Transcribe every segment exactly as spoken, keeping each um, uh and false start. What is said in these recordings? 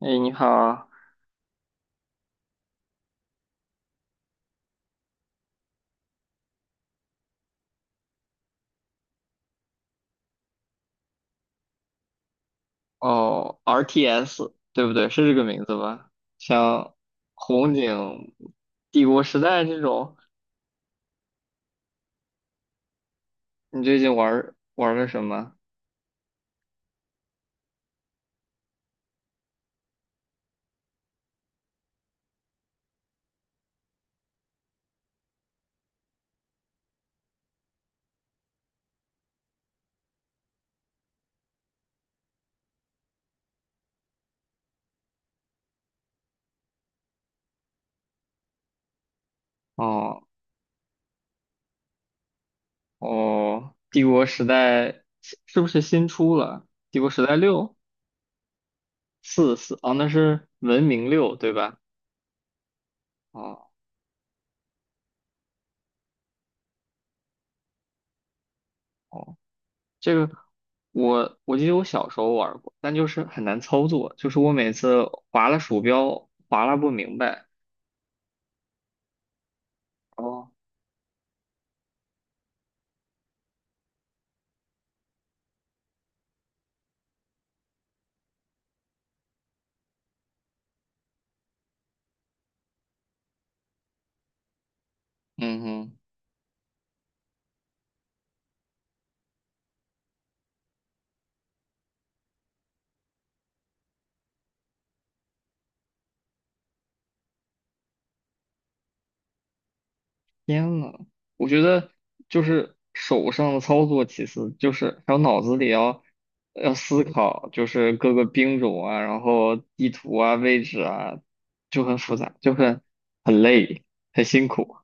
哎，你好。哦，R T S 对不对？是这个名字吧？像红警、帝国时代这种，你最近玩玩个什么？哦哦，帝国时代是是不是新出了？帝国时代六四四哦，那是文明六对吧？哦哦，这个我我记得我小时候玩过，但就是很难操作，就是我每次划了鼠标划拉不明白。哦，嗯哼。天呐，我觉得就是手上的操作，其实就是还有脑子里要要思考，就是各个兵种啊，然后地图啊、位置啊，就很复杂，就很很累，很辛苦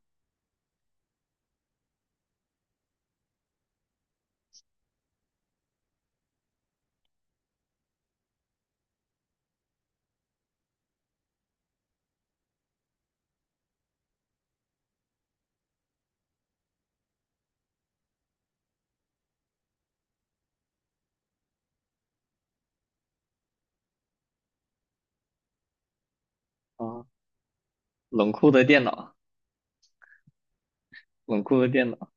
啊。冷酷的电脑，冷酷的电脑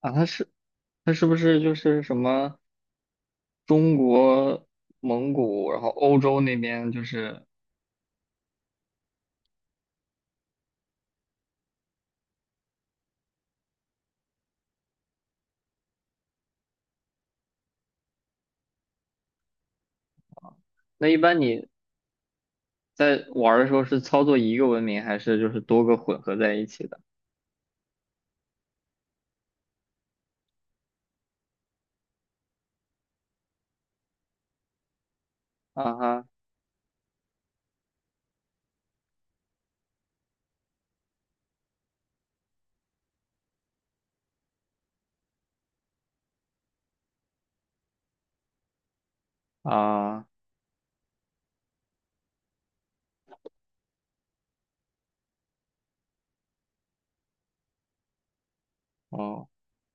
啊，它是它是不是就是什么中国、蒙古，然后欧洲那边就是那一般你在玩儿的时候是操作一个文明，还是就是多个混合在一起的？啊哈啊哦，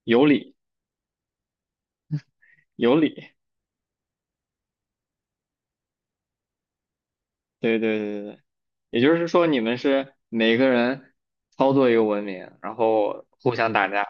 有理有理，对对对对对，也就是说你们是每个人操作一个文明，然后互相打架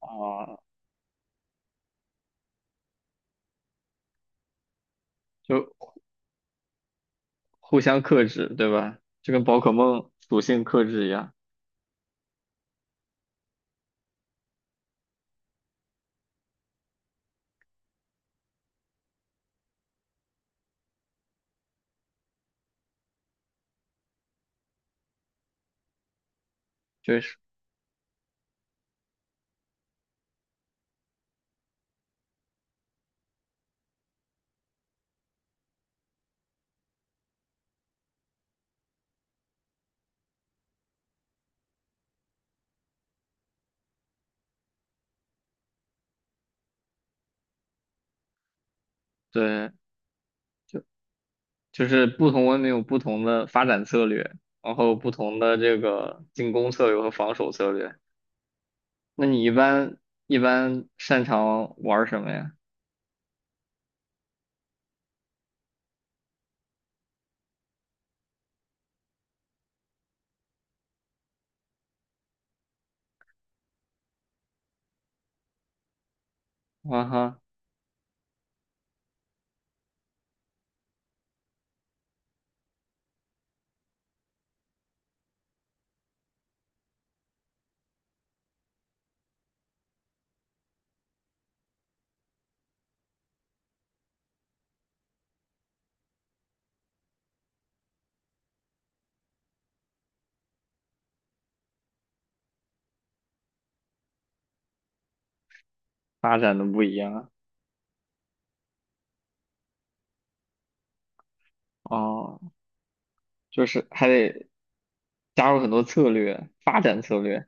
啊，就互相克制，对吧？就跟宝可梦属性克制一样，就是对，就是不同文明有不同的发展策略，然后不同的这个进攻策略和防守策略。那你一般一般擅长玩儿什么呀？啊哈，发展的不一样啊哦，就是还得加入很多策略，发展策略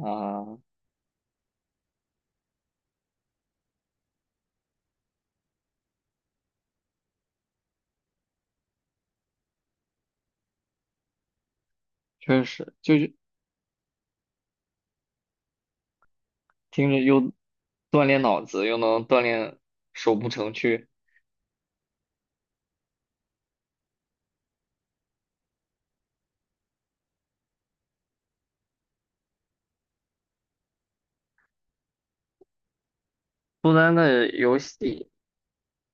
啊，确实就是听着又锻炼脑子，又能锻炼手部程序，苏丹的游戏，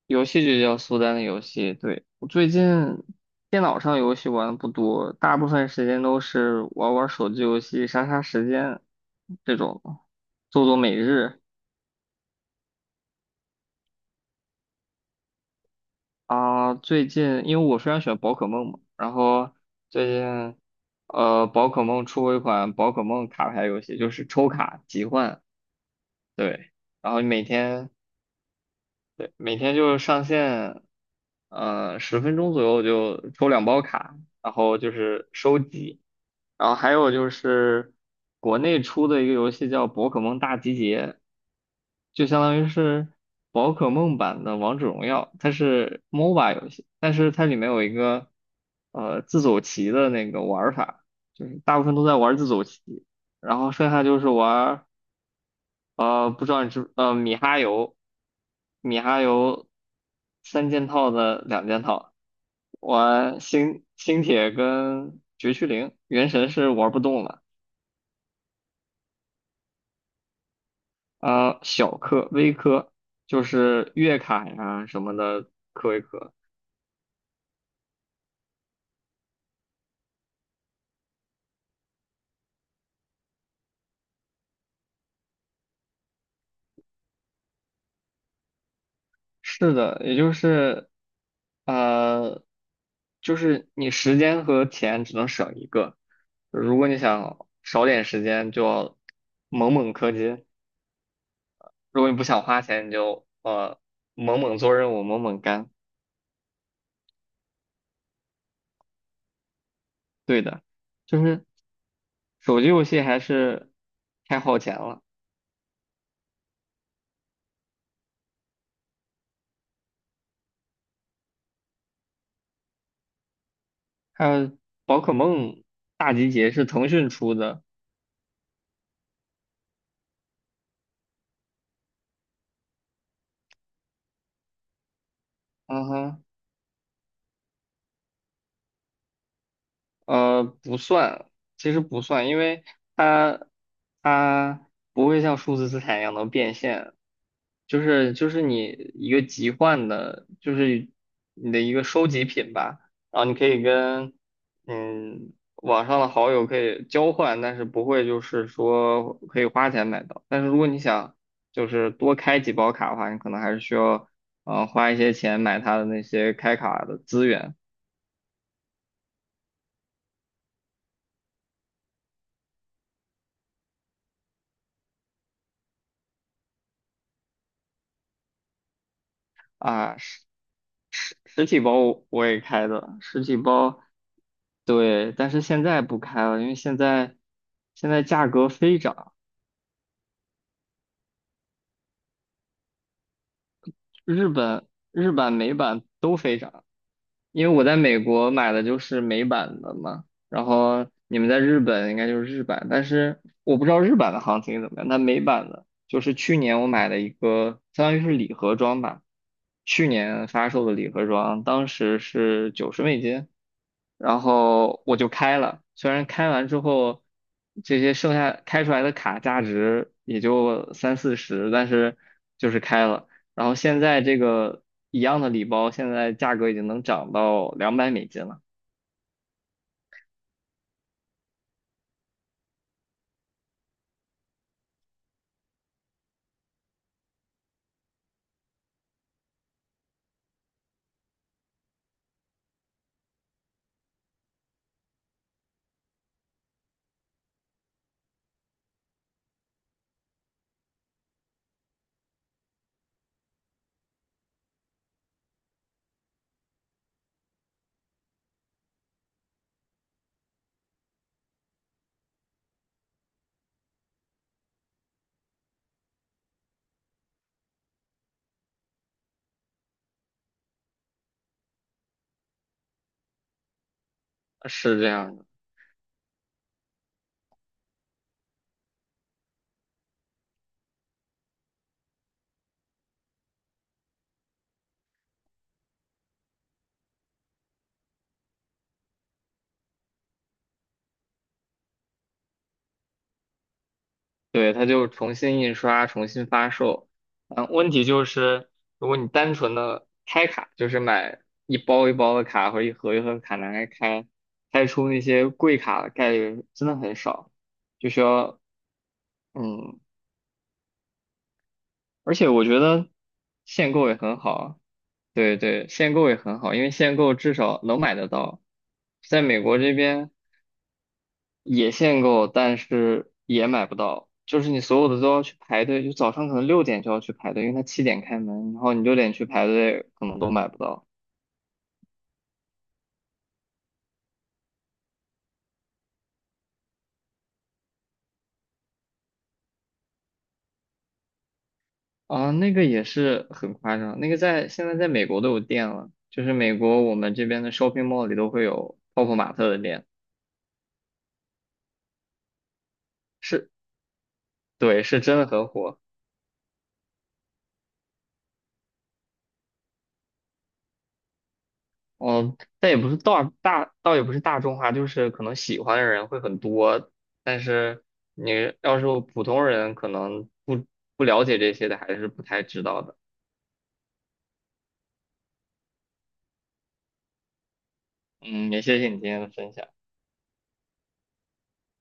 游戏就叫苏丹的游戏。对，我最近电脑上游戏玩的不多，大部分时间都是玩玩手机游戏、杀杀时间这种，做做每日啊。最近因为我非常喜欢宝可梦嘛，然后最近呃宝可梦出过一款宝可梦卡牌游戏，就是抽卡集换，对，然后你每天。对，每天就是上线，嗯、十分钟左右就抽两包卡，然后就是收集，然后还有就是国内出的一个游戏叫《宝可梦大集结》，就相当于是宝可梦版的王者荣耀，它是 MOBA 游戏，但是它里面有一个呃自走棋的那个玩儿法，就是大部分都在玩儿自走棋，然后剩下就是玩。呃，不知道你知呃米哈游，米哈游三件套的两件套，玩星星铁跟绝区零，原神是玩不动了。啊、小氪、微氪就是月卡呀什么的氪一氪。是的，也就是呃，就是你时间和钱只能省一个，如果你想少点时间，就要猛猛氪金。如果你不想花钱，你就呃猛猛做任务，猛猛干。对的，就是手机游戏还是太耗钱了。还有宝可梦大集结是腾讯出的。嗯哼。呃，不算，其实不算，因为它它不会像数字资产一样能变现，就是就是你一个集换的，就是你的一个收集品吧，然后你可以跟嗯网上的好友可以交换，但是不会就是说可以花钱买到，但是如果你想就是多开几包卡的话，你可能还是需要嗯、呃花一些钱买它的那些开卡的资源。啊，实实实体包我我也开的，实体包，对，但是现在不开了，因为现在现在价格飞涨，日本日版美版都飞涨。因为我在美国买的就是美版的嘛，然后你们在日本应该就是日版，但是我不知道日版的行情怎么样。那美版的，就是去年我买的一个，相当于是礼盒装吧，去年发售的礼盒装，当时是九十美金，然后我就开了，虽然开完之后，这些剩下开出来的卡价值也就三四十，但是就是开了。然后现在这个一样的礼包，现在价格已经能涨到两百美金了。是这样的。对，它就重新印刷、重新发售。嗯，问题就是，如果你单纯的开卡，就是买一包一包的卡或者一盒一盒的卡拿来开，开出那些贵卡的概率真的很少，就需要嗯，而且我觉得限购也很好啊。对对，限购也很好，因为限购至少能买得到。在美国这边，也限购，但是也买不到，就是你所有的都要去排队，就早上可能六点就要去排队，因为它七点开门，然后你六点去排队，可能都买不到啊。那个也是很夸张，那个在现在在美国都有店了，就是美国我们这边的 shopping mall 里都会有泡泡玛特的店，是，对，是真的很火。嗯，但也不是大大，倒也不是大众化，就是可能喜欢的人会很多，但是你要是普通人，可能不不了解这些的，还是不太知道的。嗯，也谢谢你今天的分享。